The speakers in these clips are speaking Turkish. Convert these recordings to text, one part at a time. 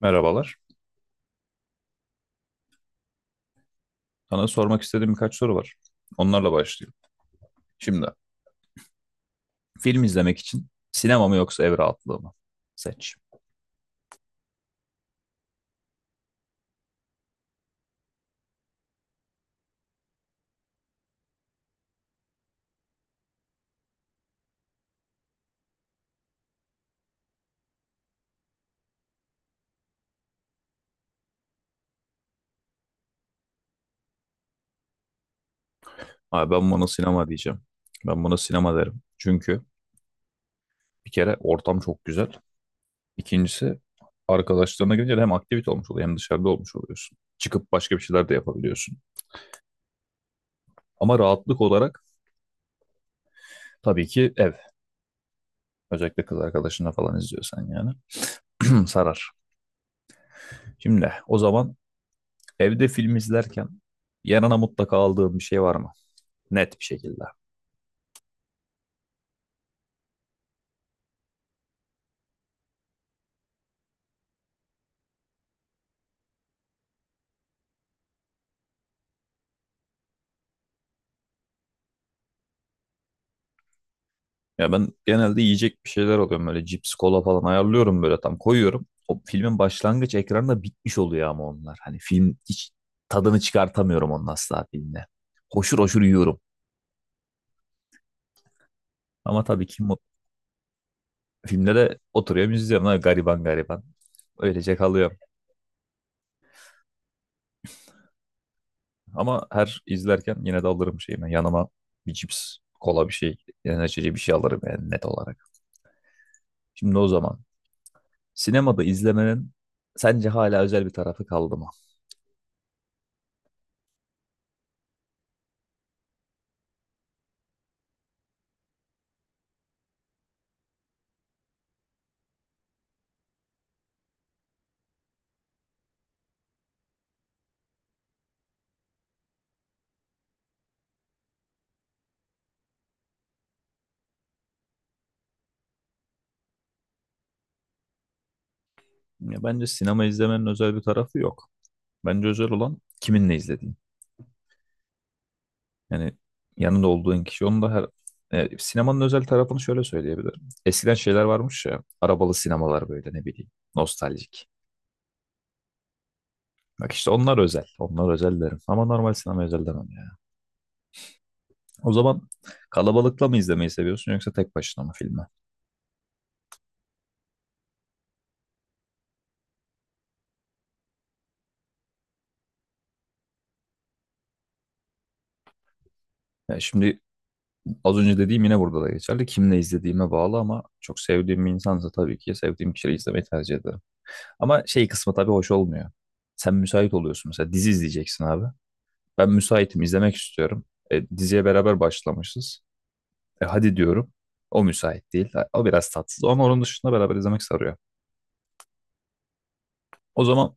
Merhabalar. Sana sormak istediğim birkaç soru var. Onlarla başlayayım. Şimdi film izlemek için sinema mı yoksa ev rahatlığı mı? Seç. Abi ben buna sinema diyeceğim. Ben buna sinema derim. Çünkü bir kere ortam çok güzel. İkincisi arkadaşlarına gelince de hem aktivite olmuş oluyor hem dışarıda olmuş oluyorsun. Çıkıp başka bir şeyler de yapabiliyorsun. Ama rahatlık olarak tabii ki ev. Özellikle kız arkadaşınla falan izliyorsan yani. Sarar. Şimdi o zaman evde film izlerken yanına mutlaka aldığım bir şey var mı? Net bir şekilde. Ya ben genelde yiyecek bir şeyler alıyorum, böyle cips, kola falan ayarlıyorum, böyle tam koyuyorum. O filmin başlangıç ekranında bitmiş oluyor ama onlar. Hani film hiç tadını çıkartamıyorum onun, asla filmde. Hoşur hoşur yiyorum. Ama tabii ki filmde de oturuyorum, izliyorum. Ha, gariban gariban. Öylece kalıyorum. Ama her izlerken yine de alırım şeyimi. Yanıma bir cips, kola bir şey, enerjici bir şey alırım yani net olarak. Şimdi o zaman. Sinemada izlemenin sence hala özel bir tarafı kaldı mı? Ya bence sinema izlemenin özel bir tarafı yok. Bence özel olan kiminle izlediğin. Yani yanında olduğun kişi. Onun da her sinemanın özel tarafını şöyle söyleyebilirim. Eskiden şeyler varmış ya, arabalı sinemalar, böyle ne bileyim, nostaljik. Bak işte onlar özel. Onlar özel derim. Ama normal sinema özel demem ya. O zaman kalabalıkla mı izlemeyi seviyorsun yoksa tek başına mı filmi? Ya şimdi az önce dediğim yine burada da geçerli. Kimle izlediğime bağlı ama çok sevdiğim bir insansa tabii ki sevdiğim kişiyle izlemeyi tercih ederim. Ama şey kısmı tabii hoş olmuyor. Sen müsait oluyorsun mesela, dizi izleyeceksin abi. Ben müsaitim, izlemek istiyorum. E, diziye beraber başlamışız. E, hadi diyorum. O müsait değil. O biraz tatsız ama onun dışında beraber izlemek sarıyor. O zaman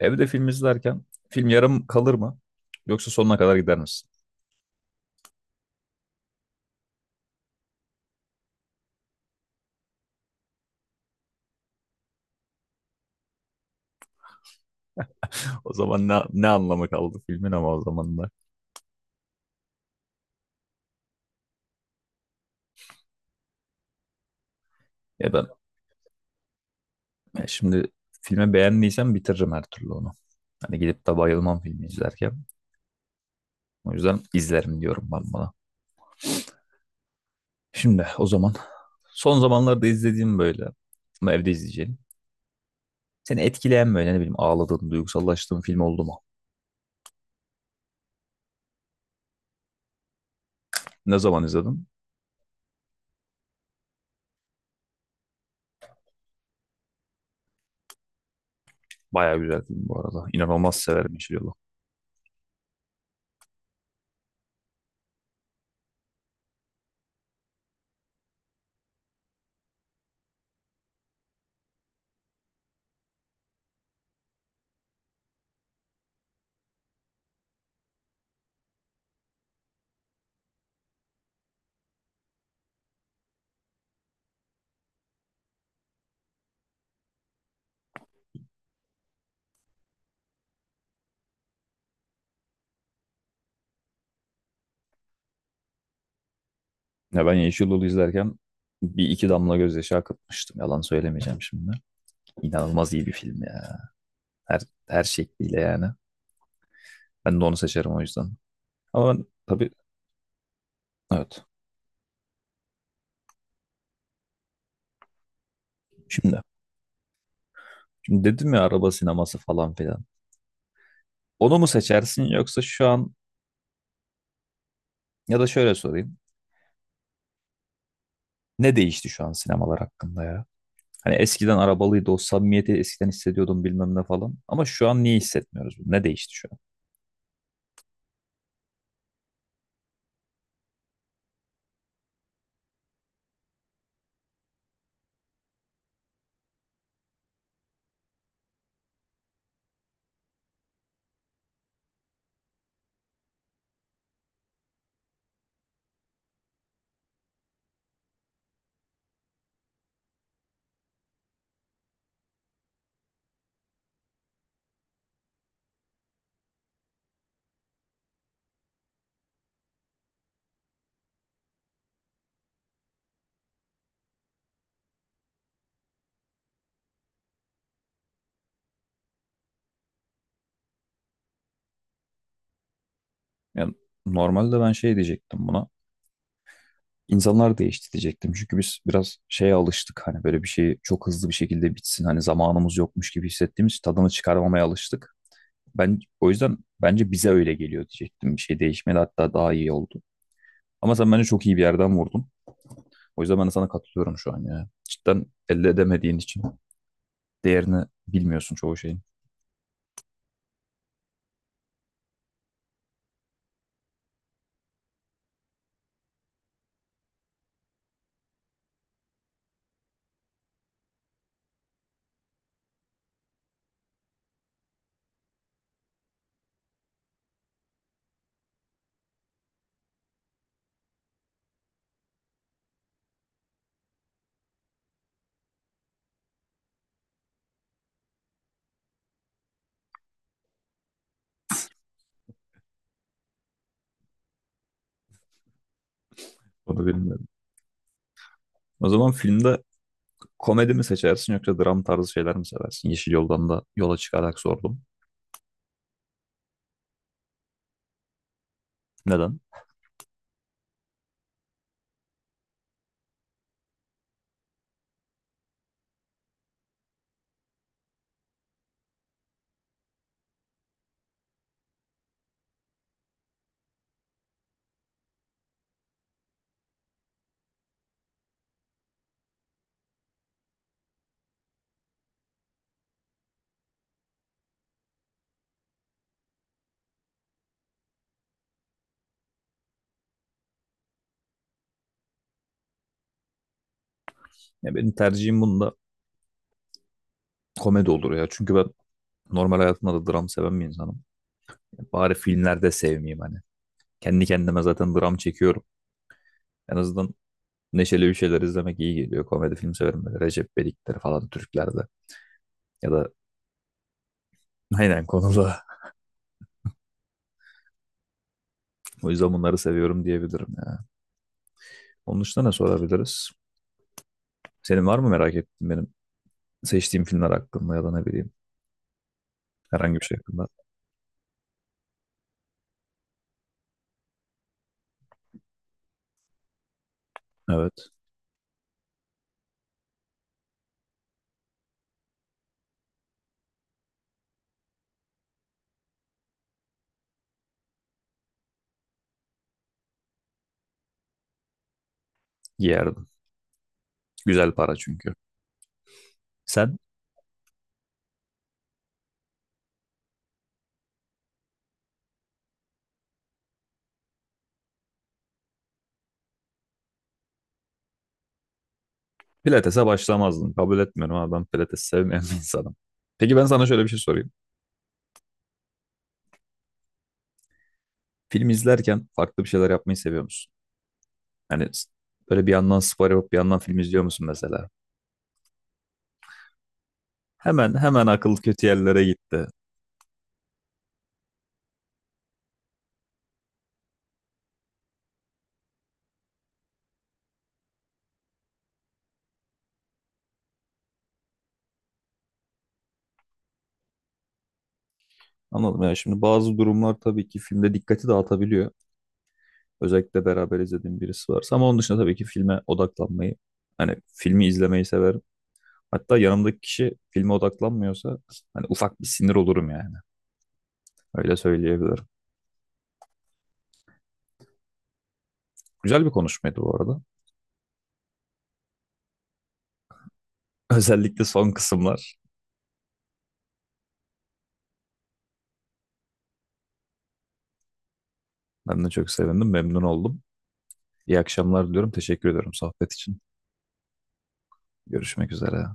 evde film izlerken film yarım kalır mı? Yoksa sonuna kadar gider misin? O zaman ne, ne anlamı kaldı filmin ama o zaman da. Ya ben Ya şimdi filme beğendiysem bitiririm her türlü onu. Hani gidip de bayılmam filmi izlerken. O yüzden izlerim diyorum ben bana. Şimdi o zaman son zamanlarda izlediğim böyle, ama evde izleyeceğim. Seni etkileyen böyle, ne bileyim, ağladığın, duygusallaştığın film oldu mu? Ne zaman izledin? Baya güzel film bu arada. İnanılmaz severim Yeşil Yol'u. Ya ben Yeşil Yol'u izlerken bir iki damla gözyaşı akıtmıştım. Yalan söylemeyeceğim şimdi. İnanılmaz iyi bir film ya. Her, her şekliyle yani. Ben de onu seçerim o yüzden. Ama ben tabii evet. Şimdi Şimdi dedim ya, araba sineması falan filan. Onu mu seçersin yoksa şu an, ya da şöyle sorayım. Ne değişti şu an sinemalar hakkında ya? Hani eskiden arabalıydı, o samimiyeti eskiden hissediyordum, bilmem ne falan. Ama şu an niye hissetmiyoruz bunu? Ne değişti şu an? Yani normalde ben şey diyecektim buna. İnsanlar değişti diyecektim. Çünkü biz biraz şeye alıştık. Hani böyle bir şey çok hızlı bir şekilde bitsin. Hani zamanımız yokmuş gibi hissettiğimiz, tadını çıkarmamaya alıştık. Ben o yüzden bence bize öyle geliyor diyecektim. Bir şey değişmedi, hatta daha iyi oldu. Ama sen bence çok iyi bir yerden vurdun. O yüzden ben de sana katılıyorum şu an ya. Cidden elde edemediğin için değerini bilmiyorsun çoğu şeyin. Onu bilmiyorum. O zaman filmde komedi mi seçersin yoksa dram tarzı şeyler mi seversin? Yeşil Yoldan da yola çıkarak sordum. Neden? Ya benim tercihim bunda komedi olur ya. Çünkü ben normal hayatımda da dram seven bir insanım. Ya bari filmlerde sevmeyeyim hani. Kendi kendime zaten dram çekiyorum. En azından neşeli bir şeyler izlemek iyi geliyor. Komedi film severim, böyle Recep İvedik'leri falan, Türklerde. Ya da aynen konuda. O yüzden bunları seviyorum diyebilirim ya. Onun dışında ne sorabiliriz? Senin var mı merak ettiğin benim seçtiğim filmler hakkında, ya da ne bileyim, herhangi bir şey hakkında? Evet. Giyerdim. Güzel para çünkü. Sen pilatese başlamazdın. Kabul etmiyorum ama, ben pilates sevmeyen bir insanım. Peki ben sana şöyle bir şey sorayım. Film izlerken farklı bir şeyler yapmayı seviyor musun? Yani böyle bir yandan spor yapıp bir yandan film izliyor musun mesela? Hemen hemen akıl kötü yerlere gitti. Anladım ya, şimdi bazı durumlar tabii ki filmde dikkati dağıtabiliyor. Özellikle beraber izlediğim birisi varsa, ama onun dışında tabii ki filme odaklanmayı, hani filmi izlemeyi severim. Hatta yanımdaki kişi filme odaklanmıyorsa hani ufak bir sinir olurum yani. Öyle söyleyebilirim. Güzel bir konuşmaydı bu arada. Özellikle son kısımlar. Ben de çok sevindim, memnun oldum. İyi akşamlar diliyorum. Teşekkür ediyorum sohbet için. Görüşmek üzere.